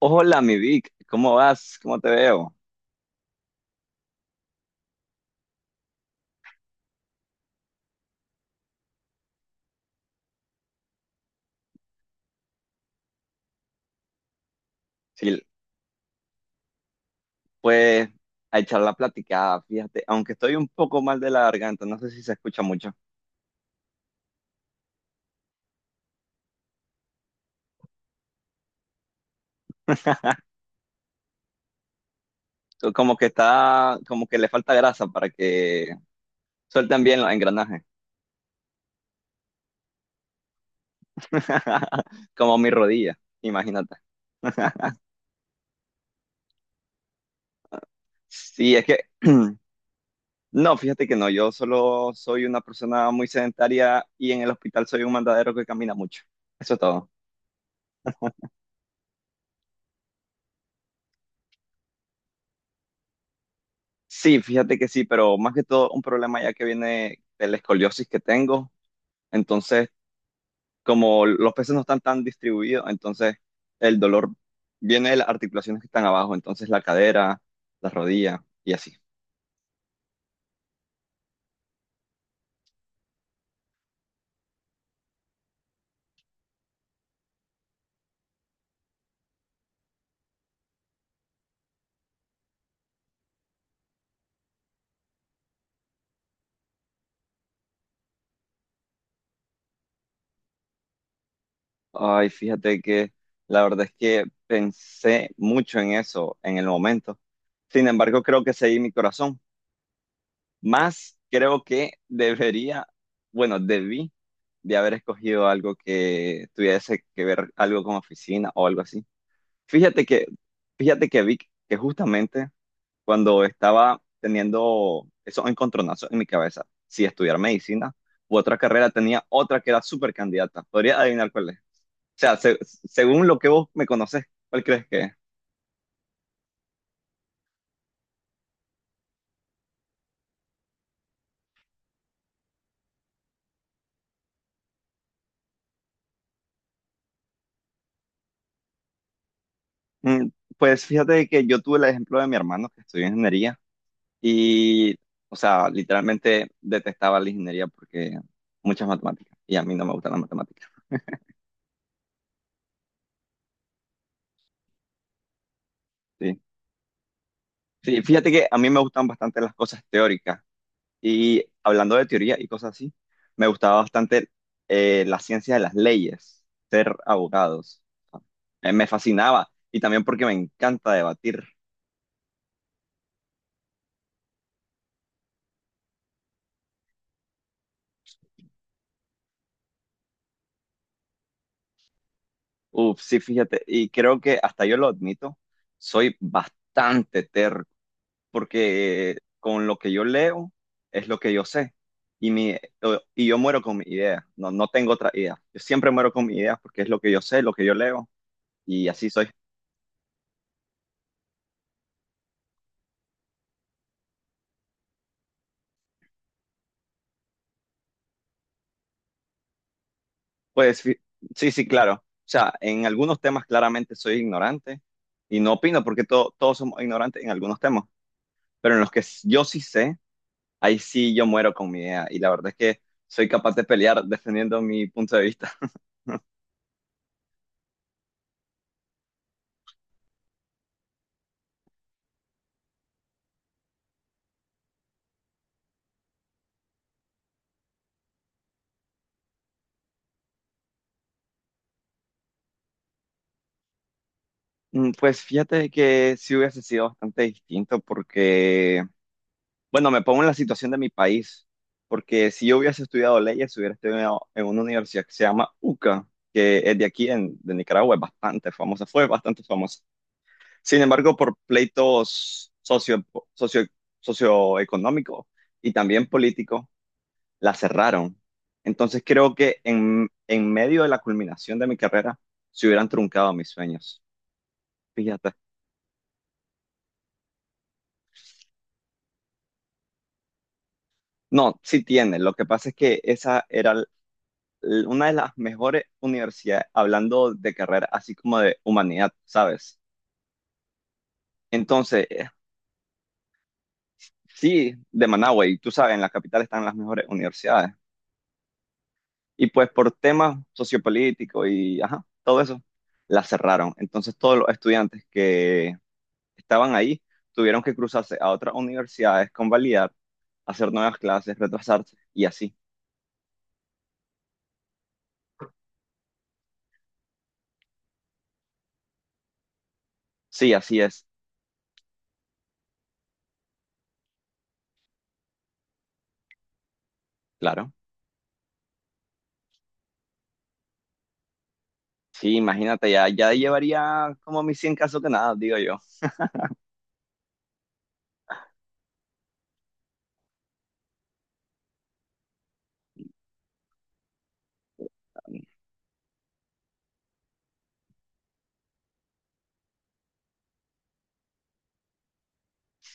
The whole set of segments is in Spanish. Hola, mi Vic, ¿cómo vas? ¿Cómo te veo? Sí, pues a echar la platicada, fíjate, aunque estoy un poco mal de la garganta, no sé si se escucha mucho. Como que está, como que le falta grasa para que suelten bien los engranajes. Como mi rodilla, imagínate. Sí, es que, no, fíjate que no, yo solo soy una persona muy sedentaria y en el hospital soy un mandadero que camina mucho. Eso es todo. Sí, fíjate que sí, pero más que todo un problema ya que viene de la escoliosis que tengo. Entonces, como los peces no están tan distribuidos, entonces el dolor viene de las articulaciones que están abajo, entonces la cadera, la rodilla y así. Ay, fíjate que la verdad es que pensé mucho en eso en el momento. Sin embargo, creo que seguí mi corazón. Más creo que debería, bueno, debí de haber escogido algo que tuviese que ver algo con oficina o algo así. Fíjate que, fíjate que vi que justamente cuando estaba teniendo esos encontronazos en mi cabeza, si estudiar medicina u otra carrera, tenía otra que era súper candidata. ¿Podría adivinar cuál es? O sea, según lo que vos me conoces, ¿cuál crees que es? Mm, Pues fíjate que yo tuve el ejemplo de mi hermano que estudió ingeniería. Y, o sea, literalmente detestaba la ingeniería porque muchas matemáticas y a mí no me gustan las matemáticas. Sí. Sí, fíjate que a mí me gustan bastante las cosas teóricas y hablando de teoría y cosas así, me gustaba bastante la ciencia de las leyes, ser abogados. Me fascinaba y también porque me encanta debatir. Uf, sí, fíjate, y creo que hasta yo lo admito, soy bastante terco porque con lo que yo leo es lo que yo sé y, mi, y yo muero con mi idea, no, no tengo otra idea. Yo siempre muero con mi idea porque es lo que yo sé, lo que yo leo y así soy. Pues fi- sí, sí, claro. O sea, en algunos temas claramente soy ignorante y no opino porque todos somos ignorantes en algunos temas, pero en los que yo sí sé, ahí sí yo muero con mi idea y la verdad es que soy capaz de pelear defendiendo mi punto de vista. Pues fíjate que sí hubiese sido bastante distinto porque bueno, me pongo en la situación de mi país, porque si yo hubiese estudiado leyes, hubiera estudiado en una universidad que se llama UCA, que es de aquí, en, de Nicaragua, es bastante famosa, fue bastante famosa. Sin embargo, por pleitos socio, socioeconómicos y también políticos, la cerraron. Entonces creo que en medio de la culminación de mi carrera, se hubieran truncado mis sueños. Fíjate. No, sí tiene. Lo que pasa es que esa era una de las mejores universidades, hablando de carrera, así como de humanidad, ¿sabes? Entonces, sí, de Managua, y tú sabes, en la capital están las mejores universidades. Y pues por temas sociopolíticos y, ajá, todo eso, la cerraron. Entonces todos los estudiantes que estaban ahí tuvieron que cruzarse a otras universidades, convalidar, hacer nuevas clases, retrasarse y así. Sí, así es, claro. Sí, imagínate, ya, ya llevaría como mis 100 casos que nada, digo yo.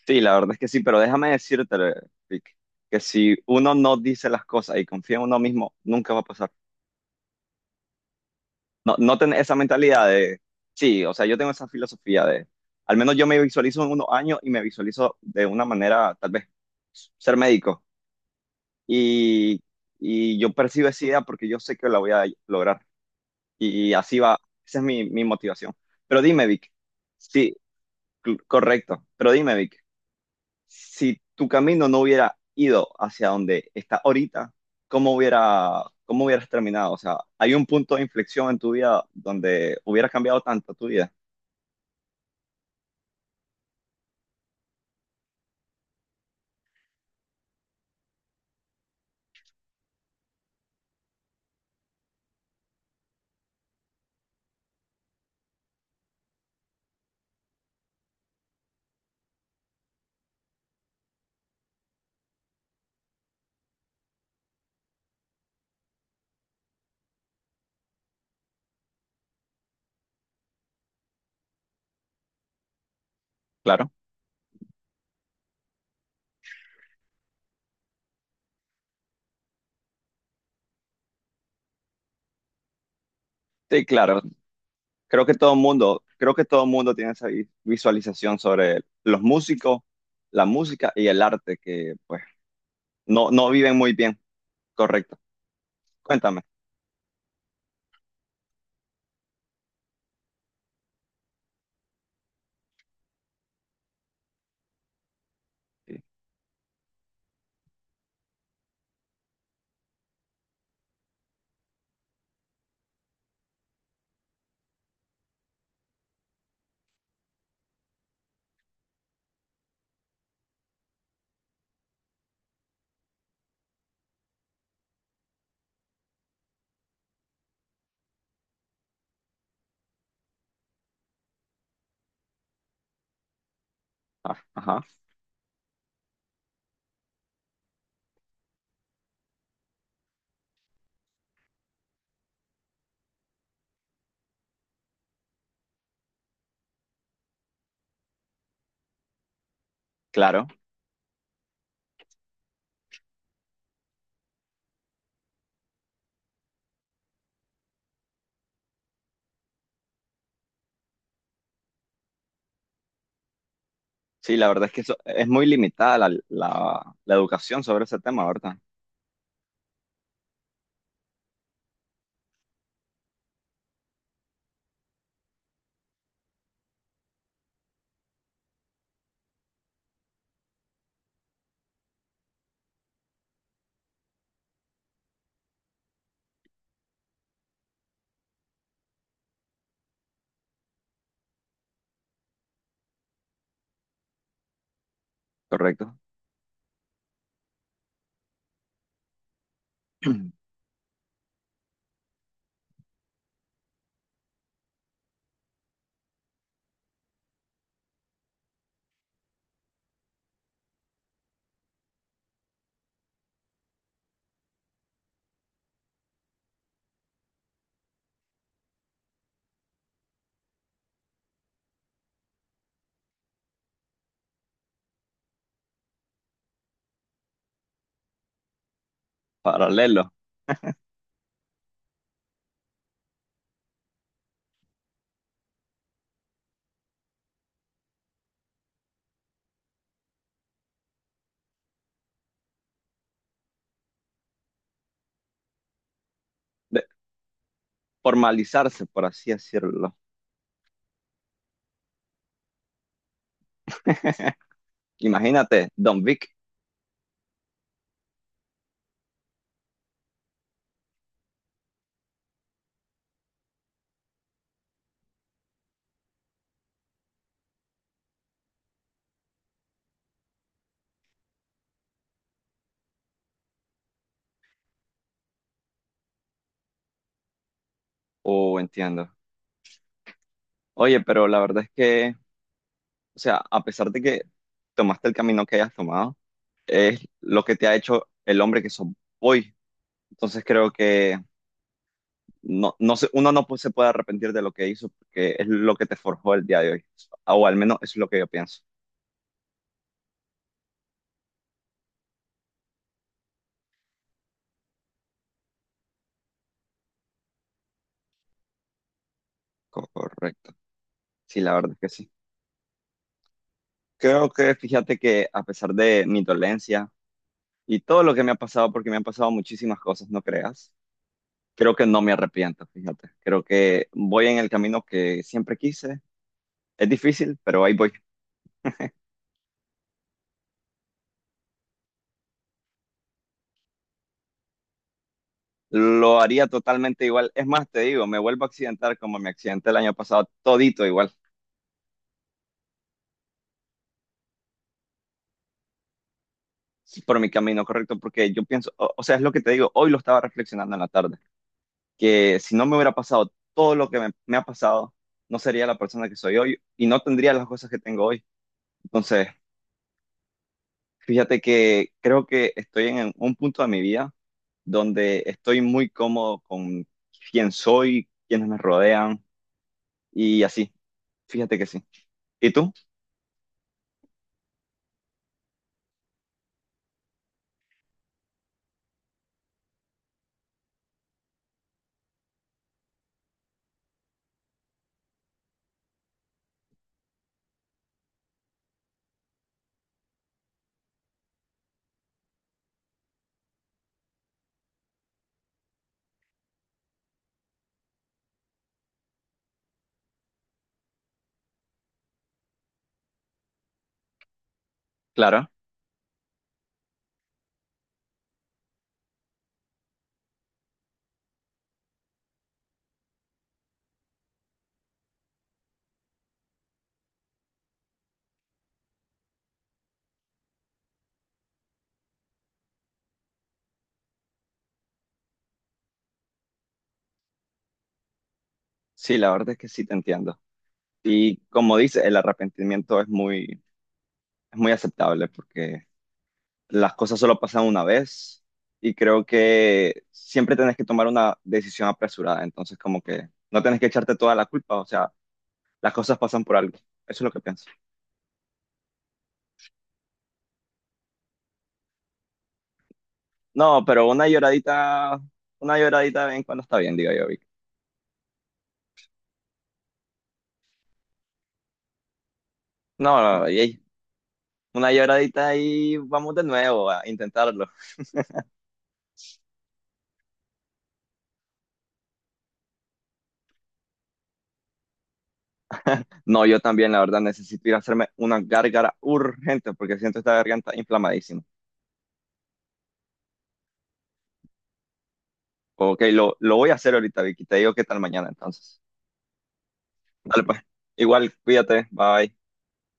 Sí, la verdad es que sí, pero déjame decirte, Vic, que si uno no dice las cosas y confía en uno mismo, nunca va a pasar. No, no tener esa mentalidad de, sí, o sea, yo tengo esa filosofía de, al menos yo me visualizo en unos años y me visualizo de una manera, tal vez, ser médico. Y, y yo percibo esa idea porque yo sé que la voy a lograr. Y así va, esa es mi, mi motivación. Pero dime, Vic, sí, correcto, pero dime, Vic. Si tu camino no hubiera ido hacia donde está ahorita, ¿cómo hubiera, cómo hubieras terminado? O sea, ¿hay un punto de inflexión en tu vida donde hubiera cambiado tanto tu vida? Claro. Sí, claro. Creo que todo el mundo, creo que todo el mundo tiene esa visualización sobre los músicos, la música y el arte que pues no, no viven muy bien. Correcto. Cuéntame. Sí. Ah, ajá, claro. Sí, la verdad es que eso, es muy limitada la educación sobre ese tema, ¿verdad? Correcto. Paralelo, de formalizarse, por así decirlo. Imagínate, Don Vic, o entiendo. Oye, pero la verdad es que, o sea, a pesar de que tomaste el camino que hayas tomado, es lo que te ha hecho el hombre que sos hoy. Entonces creo que no, uno no pu- se puede arrepentir de lo que hizo, porque es lo que te forjó el día de hoy. O al menos eso es lo que yo pienso. Correcto. Sí, la verdad es que sí. Creo que, fíjate que a pesar de mi dolencia, y todo lo que me ha pasado, porque me han pasado muchísimas cosas, no creas, creo que no me arrepiento, fíjate. Creo que voy en el camino que siempre quise. Es difícil, pero ahí voy. Lo haría totalmente igual. Es más, te digo, me vuelvo a accidentar como me accidenté el año pasado, todito igual, por mi camino correcto, porque yo pienso, o sea, es lo que te digo, hoy lo estaba reflexionando en la tarde, que si no me hubiera pasado todo lo que me ha pasado, no sería la persona que soy hoy y no tendría las cosas que tengo hoy. Entonces, fíjate que creo que estoy en un punto de mi vida donde estoy muy cómodo con quién soy, quienes me rodean y así. Fíjate que sí. ¿Y tú? Clara. Sí, la verdad es que sí te entiendo. Y como dice, el arrepentimiento es muy aceptable porque las cosas solo pasan una vez y creo que siempre tenés que tomar una decisión apresurada. Entonces, como que no tenés que echarte toda la culpa. O sea, las cosas pasan por algo. Eso es lo que pienso. No, pero una lloradita de vez en cuando está bien, digo yo, Vic. No, no, no, ey, una lloradita y vamos de nuevo a intentarlo. No, yo también, la verdad, necesito ir a hacerme una gárgara urgente porque siento esta garganta inflamadísima. Ok, lo voy a hacer ahorita, Vicky. Te digo qué tal mañana entonces. Dale pues. Igual, cuídate. Bye.